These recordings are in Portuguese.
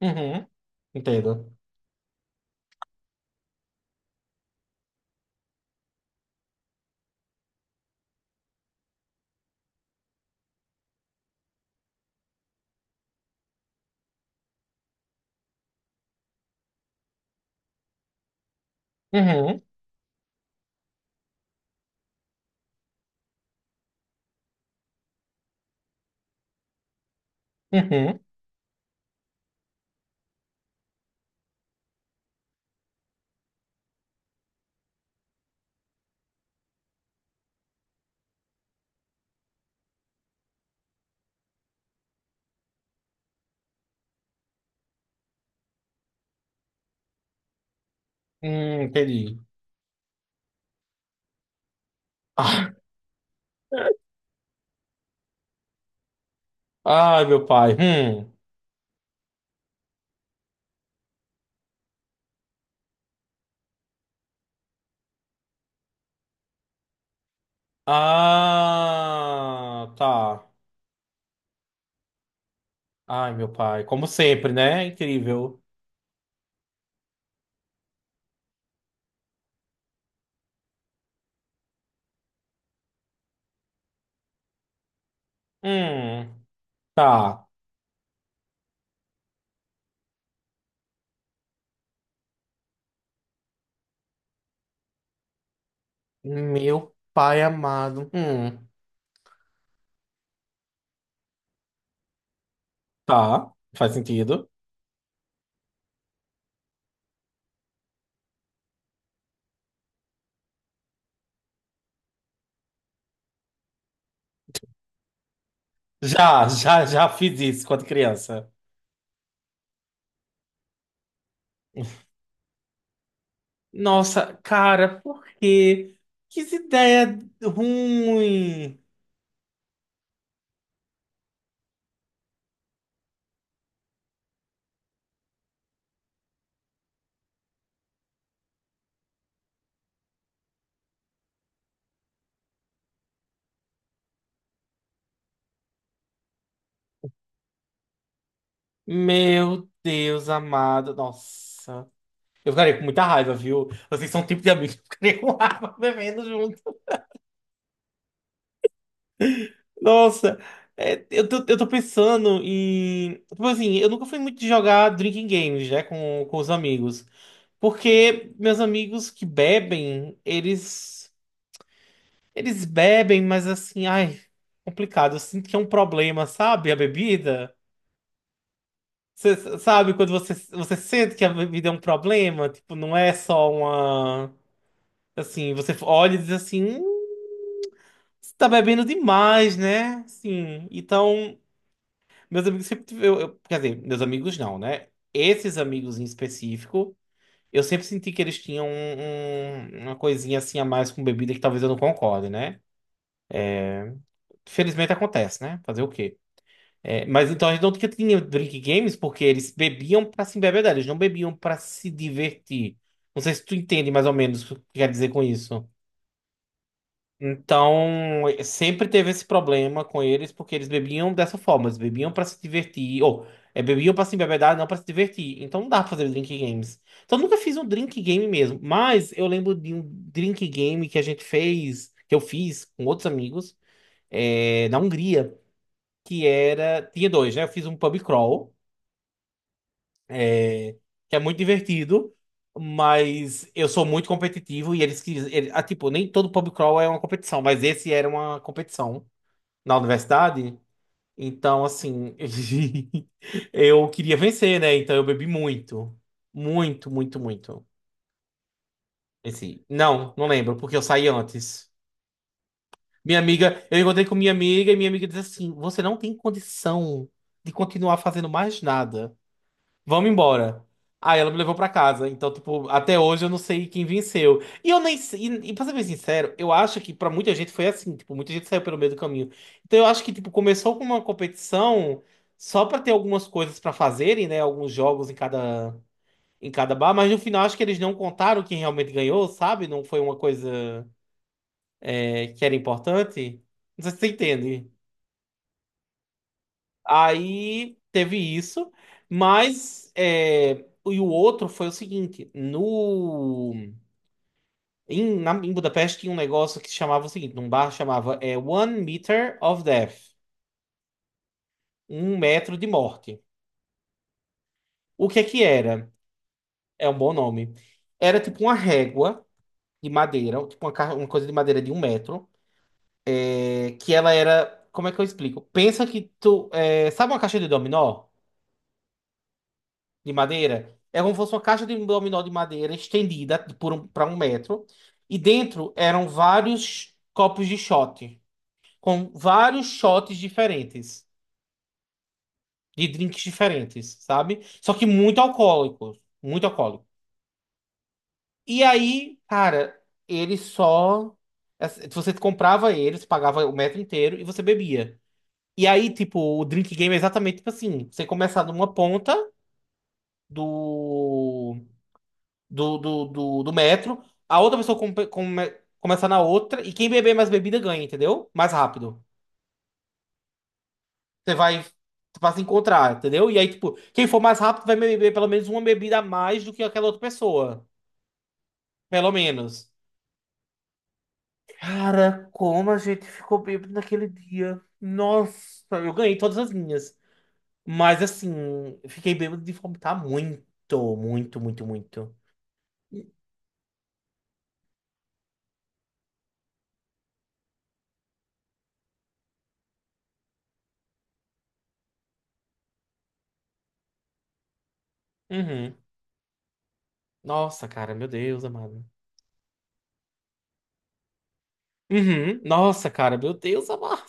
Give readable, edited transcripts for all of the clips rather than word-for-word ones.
Uhum, entendo. Uhum, uhum, entendi. Ah, ai, meu pai. Hum. Ah, tá. Ai, meu pai. Como sempre, né? Incrível. Hum, tá. Meu pai amado. Tá. Faz sentido. Já, já, já fiz isso quando criança. Nossa, cara, por quê? Que ideia ruim. Meu Deus amado. Nossa. Eu ficaria com muita raiva, viu? Vocês são o tipo de amigos que eu ficaria com raiva bebendo junto. Nossa, é, eu tô pensando em. Tipo assim, eu nunca fui muito de jogar drinking games, né, com os amigos. Porque meus amigos que bebem, eles. Eles bebem, mas assim, ai, complicado. Eu sinto que é um problema, sabe? A bebida. Você sabe quando você sente que a bebida é um problema? Tipo, não é só uma. Assim, você olha e diz assim. Você tá bebendo demais, né?" Sim. Então, meus amigos sempre. Quer dizer, meus amigos não, né? Esses amigos em específico, eu sempre senti que eles tinham uma coisinha assim a mais com bebida que talvez eu não concorde, né? Felizmente acontece, né? Fazer o quê? É, mas então a gente não tinha drink games porque eles bebiam pra se embebedar, eles não bebiam pra se divertir. Não sei se tu entende mais ou menos o que quer dizer com isso. Então, sempre teve esse problema com eles, porque eles bebiam dessa forma, eles bebiam pra se divertir, ou é, bebiam pra se embebedar, não pra se divertir. Então não dá pra fazer drink games. Então eu nunca fiz um drink game mesmo, mas eu lembro de um drink game que a gente fez, que eu fiz com outros amigos, é, na Hungria, que era, tinha dois, né? Eu fiz um pub crawl, eh, que é muito divertido, mas eu sou muito competitivo e eles, tipo, nem todo pub crawl é uma competição, mas esse era uma competição na universidade. Então, assim, eu queria vencer, né? Então eu bebi muito. Muito, muito, muito. Esse, não, não lembro, porque eu saí antes. Minha amiga, eu encontrei com minha amiga e minha amiga disse assim: "Você não tem condição de continuar fazendo mais nada. Vamos embora." Aí ela me levou pra casa. Então, tipo, até hoje eu não sei quem venceu. E eu nem sei. E pra ser bem sincero, eu acho que pra muita gente foi assim. Tipo, muita gente saiu pelo meio do caminho. Então, eu acho que, tipo, começou com uma competição só pra ter algumas coisas pra fazerem, né? Alguns jogos em cada bar. Mas no final, acho que eles não contaram quem realmente ganhou, sabe? Não foi uma coisa, é, que era importante. Não sei se você entende. Aí teve isso, mas é, e o outro foi o seguinte, no em, na, em Budapeste tinha um negócio que chamava o seguinte, num bar chamava é, One Meter of Death, um metro de morte. O que é que era? É um bom nome. Era tipo uma régua de madeira, tipo uma, uma coisa de madeira de um metro, é, que ela era, como é que eu explico? Pensa que tu, é, sabe uma caixa de dominó? De madeira. É como se fosse uma caixa de um dominó de madeira estendida por para um metro. E dentro eram vários copos de shot, com vários shots diferentes, de drinks diferentes, sabe? Só que muito alcoólicos, muito alcoólico. E aí, cara, ele só. Você comprava eles, pagava o metro inteiro e você bebia. E aí, tipo, o drink game é exatamente tipo assim: você começar numa ponta do do metro, a outra pessoa começa na outra, e quem beber mais bebida ganha, entendeu? Mais rápido. Você vai se encontrar, entendeu? E aí, tipo, quem for mais rápido vai beber pelo menos uma bebida a mais do que aquela outra pessoa. Pelo menos. Cara, como a gente ficou bêbado naquele dia. Nossa, eu ganhei todas as minhas. Mas assim, fiquei bêbado de vomitar muito, muito, muito, muito. Uhum. Nossa, cara, meu Deus, amado. Uhum. Nossa, cara, meu Deus amado.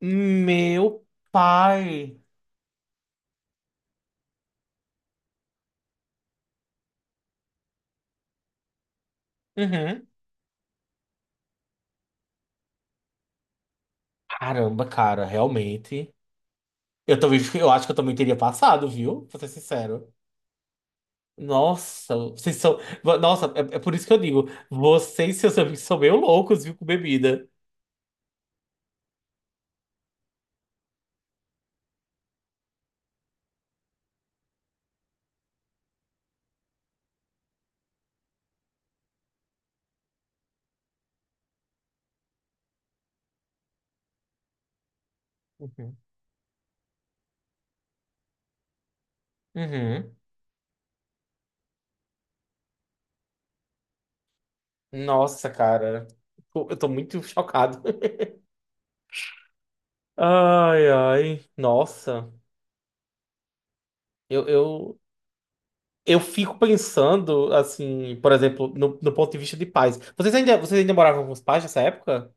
Meu pai. Uhum. Caramba, cara, realmente. Eu também, eu acho que eu também teria passado, viu? Pra ser sincero. Nossa, vocês são. Nossa, é, é por isso que eu digo, vocês e seus amigos são meio loucos, viu, com bebida. Uhum. Uhum. Nossa, cara. Eu tô muito chocado. Ai, ai. Nossa. Eu, eu, Eu fico pensando, assim, por exemplo, no ponto de vista de pais. Vocês ainda moravam com os pais nessa época?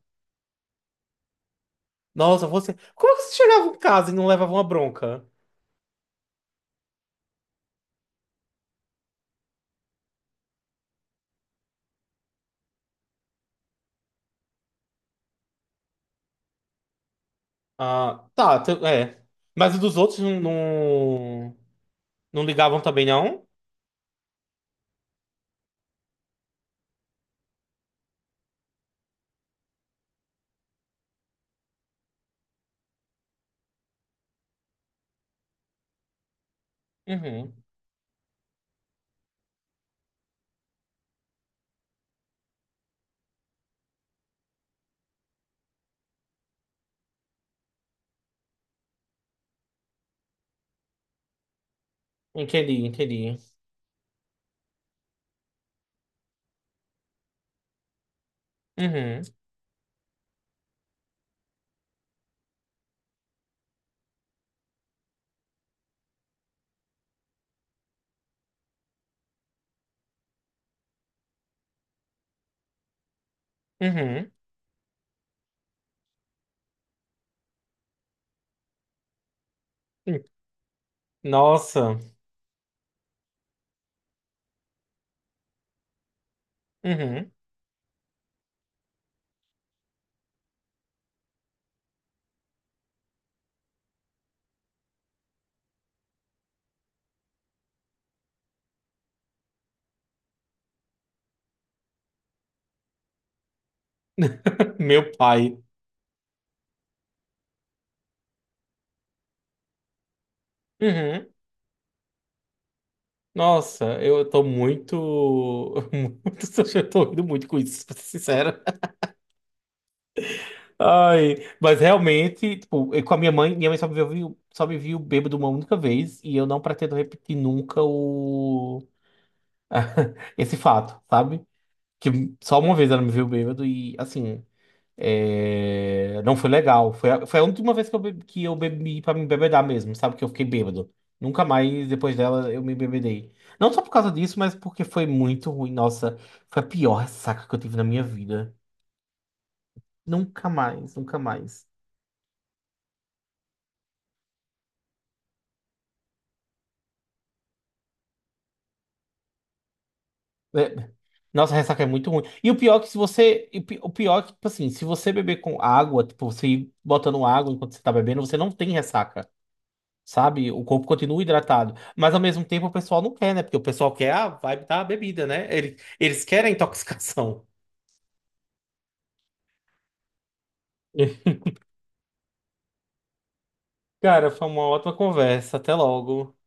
Nossa, você. Como é que vocês chegavam em casa e não levavam uma bronca? Ah, tá, tu- é. Mas os dos outros não ligavam também, não? Uhum. Entendi, entendi. Uhum, uhum. Hum, nossa. Uhum. Meu pai. Uhum. Nossa, eu tô muito. Muito. Eu tô rindo muito com isso, pra ser sincero. Ai, mas realmente, tipo, eu com a minha mãe só me viu bêbado uma única vez e eu não pretendo repetir nunca o esse fato, sabe? Que só uma vez ela me viu bêbado e assim, é, não foi legal. Foi a última vez que eu bebi, para me embebedar mesmo, sabe? Que eu fiquei bêbado. Nunca mais depois dela eu me embebedei. Não só por causa disso, mas porque foi muito ruim. Nossa, foi a pior ressaca que eu tive na minha vida. Nunca mais, nunca mais. É, nossa, a ressaca é muito ruim. E o pior é que se você. O pior é que, tipo assim, se você beber com água, tipo, você ir botando água enquanto você tá bebendo, você não tem ressaca, sabe? O corpo continua hidratado. Mas ao mesmo tempo o pessoal não quer, né? Porque o pessoal quer a vibe da bebida, né? Eles querem a intoxicação. Cara, foi uma ótima conversa. Até logo.